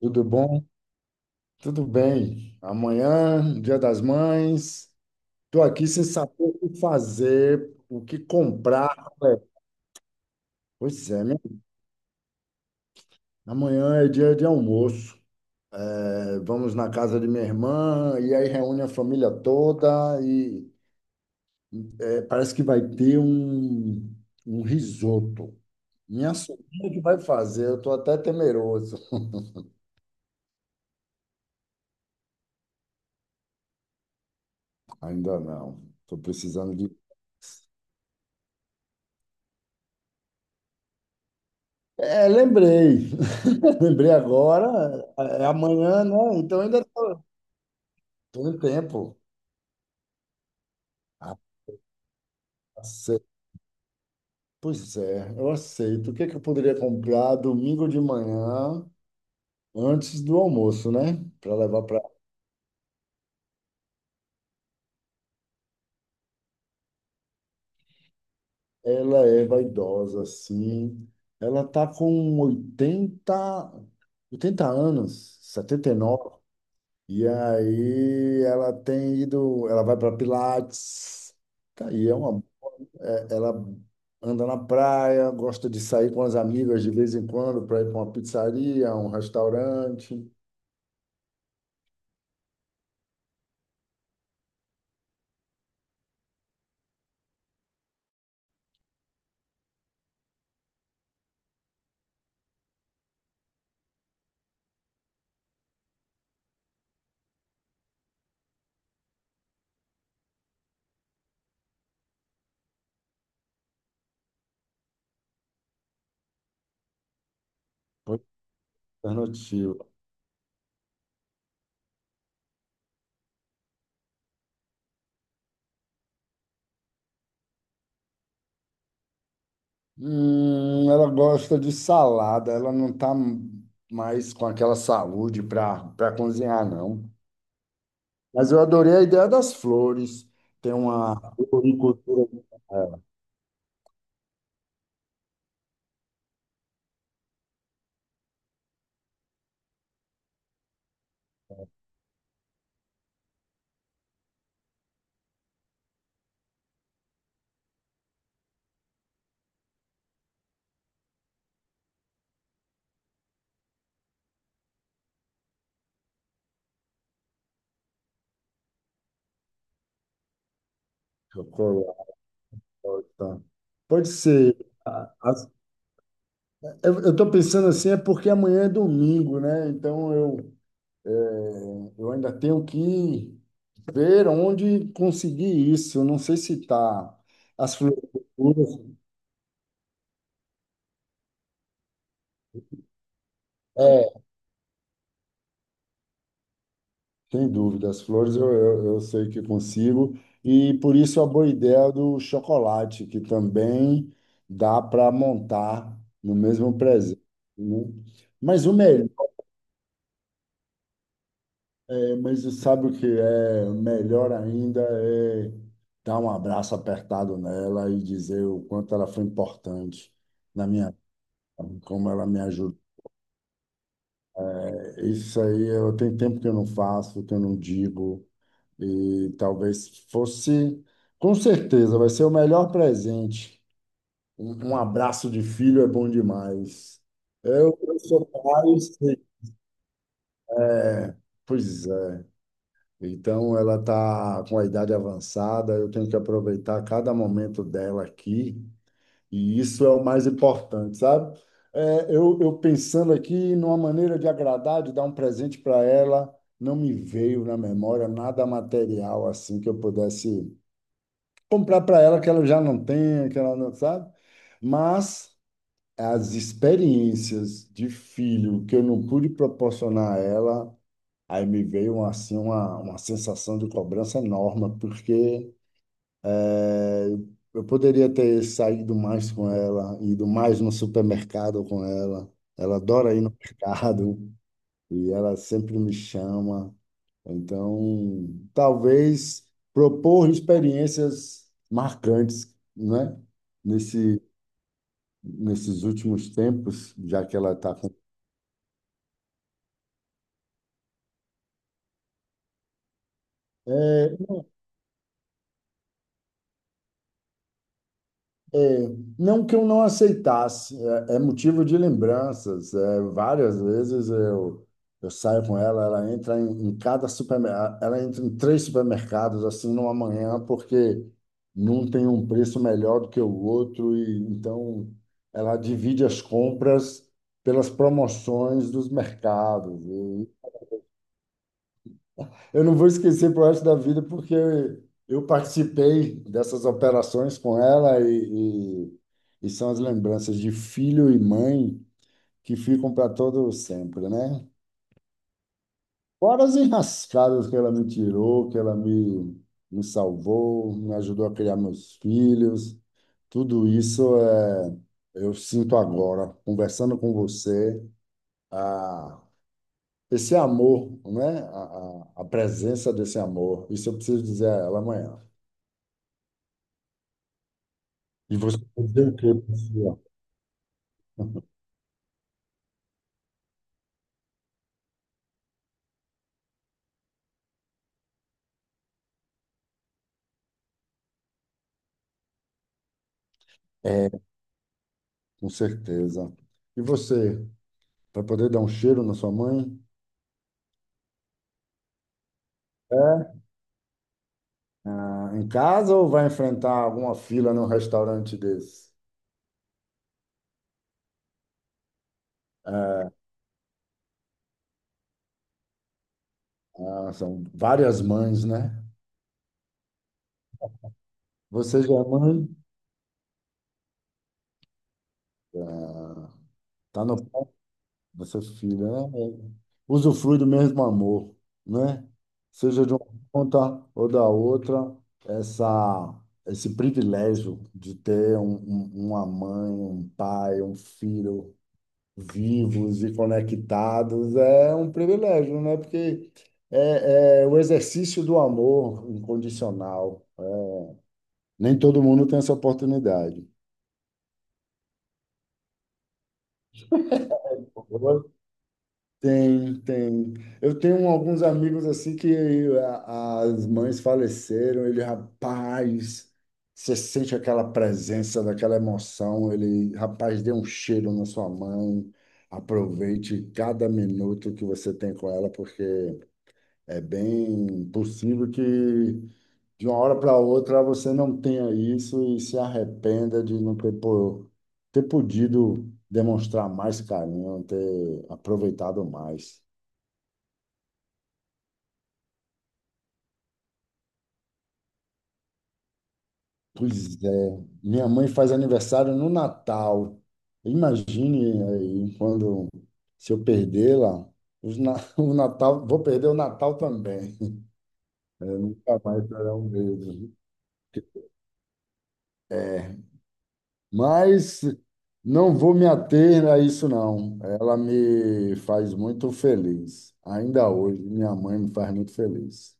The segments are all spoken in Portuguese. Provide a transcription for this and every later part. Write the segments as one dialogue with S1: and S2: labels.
S1: Tudo bom? Tudo bem. Amanhã, Dia das Mães. Estou aqui sem saber o que fazer, o que comprar. Pois é, minha- amanhã é dia de almoço. É, vamos na casa de minha irmã e aí reúne a família toda e é, parece que vai ter um risoto. Minha sobrinha que vai fazer, eu estou até temeroso. Ainda não. Estou precisando de é, lembrei. Lembrei agora, é amanhã, né? Então ainda tô- tenho tempo. Ah, ace- pois é, eu aceito. O que é que eu poderia comprar domingo de manhã, antes do almoço, né? Para levar para ela, é vaidosa, assim. Ela tá com oitenta anos, 79. E nove. E aí ela tem ido, ela vai para Pilates. Tá aí, é uma ela anda na praia, gosta de sair com as amigas de vez em quando para ir para uma pizzaria, um restaurante. Outra alternativa. Ela gosta de salada, ela não está mais com aquela saúde para cozinhar, não. Mas eu adorei a ideia das flores. Tem uma floricultura. É, chocolate. Pode ser. As- eu estou pensando assim, é porque amanhã é domingo, né? Então eu é, eu ainda tenho que ver onde conseguir isso. Eu não sei se tá as flores, é, sem dúvida, as flores eu sei que consigo. E por isso a boa ideia do chocolate, que também dá para montar no mesmo presente, né? Mas o melhor, é, mas sabe o que é melhor ainda é dar um abraço apertado nela e dizer o quanto ela foi importante na minha vida, como ela me ajudou. Isso aí, eu tenho tempo que eu não faço, que eu não digo, e talvez fosse, com certeza, vai ser o melhor presente. Um abraço de filho é bom demais. Eu sou pai, eu sei. Pois é. Então, ela está com a idade avançada, eu tenho que aproveitar cada momento dela aqui. E isso é o mais importante, sabe? É, eu pensando aqui numa maneira de agradar, de dar um presente para ela, não me veio na memória nada material assim que eu pudesse comprar para ela que ela já não tem, que ela não sabe. Mas as experiências de filho que eu não pude proporcionar a ela, aí me veio assim uma sensação de cobrança enorme, porque é, eu poderia ter saído mais com ela, ido mais no supermercado com ela. Ela adora ir no mercado e ela sempre me chama. Então, talvez propor experiências marcantes, né? Nesse, nesses últimos tempos, já que ela está com. É, É, não que eu não aceitasse, é motivo de lembranças. É, várias vezes eu saio com ela, ela entra em cada supermercado, ela entra em três supermercados assim numa manhã, porque não tem um preço melhor do que o outro, e então ela divide as compras pelas promoções dos mercados. Eu não vou esquecer pro resto da vida, porque eu participei dessas operações com ela e são as lembranças de filho e mãe que ficam para todo sempre, né? Fora as enrascadas que ela me tirou, me salvou, me ajudou a criar meus filhos, tudo isso é, eu sinto agora, conversando com você, a, esse amor, né? A presença desse amor. Isso eu preciso dizer a ela amanhã. E você vai o quê, Priscila? É, com certeza. E você, vai poder dar um cheiro na sua mãe? É? Ah, em casa ou vai enfrentar alguma fila num restaurante desse? É, ah, são várias mães, né? Você já é mãe? Ah, tá no essa filha, né? Usufrui do mesmo amor, né? Seja de uma ponta ou da outra, essa, esse privilégio de ter uma mãe, um pai, um filho vivos e conectados é um privilégio, né? Porque é o exercício do amor incondicional. Nem todo mundo tem essa oportunidade. Tem. Eu tenho alguns amigos assim que a- as mães faleceram, ele, rapaz, você sente aquela presença, daquela emoção, ele, rapaz, dê um cheiro na sua mãe, aproveite cada minuto que você tem com ela, porque é bem possível que de uma hora para outra você não tenha isso e se arrependa de não ter, po- ter podido demonstrar mais carinho, ter aproveitado mais. Pois é, minha mãe faz aniversário no Natal. Imagine aí quando se eu perdê-la, os na- o Natal, vou perder o Natal também. É, nunca mais será um mesmo. Mas não vou me ater a isso, não. Ela me faz muito feliz. Ainda hoje, minha mãe me faz muito feliz.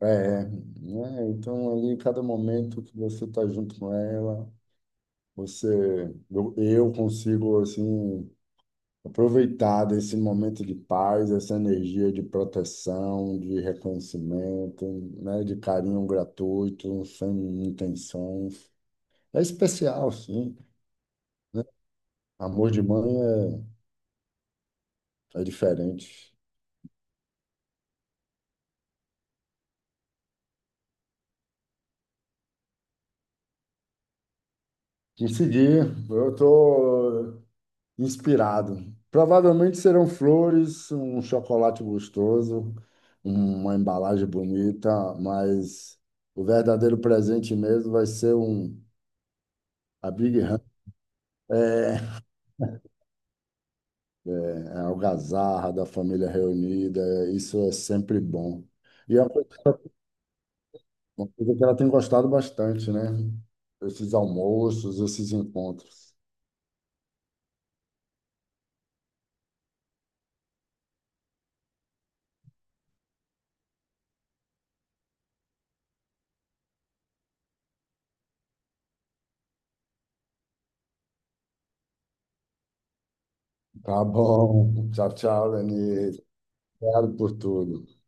S1: É, né? Então ali, cada momento que você está junto com ela. Você, eu consigo assim aproveitar desse momento de paz, essa energia de proteção, de reconhecimento, né, de carinho gratuito, sem intenções. É especial, sim, né? Amor de mãe é diferente. Em seguir, eu tô inspirado. Provavelmente serão flores, um chocolate gostoso, uma embalagem bonita, mas o verdadeiro presente mesmo vai ser um a Big Hand, é é a algazarra da família reunida. Isso é sempre bom. E é uma coisa que ela tem gostado bastante, né? Esses almoços, esses encontros. Tá bom. Tchau, tchau, Lenise. Obrigado por tudo.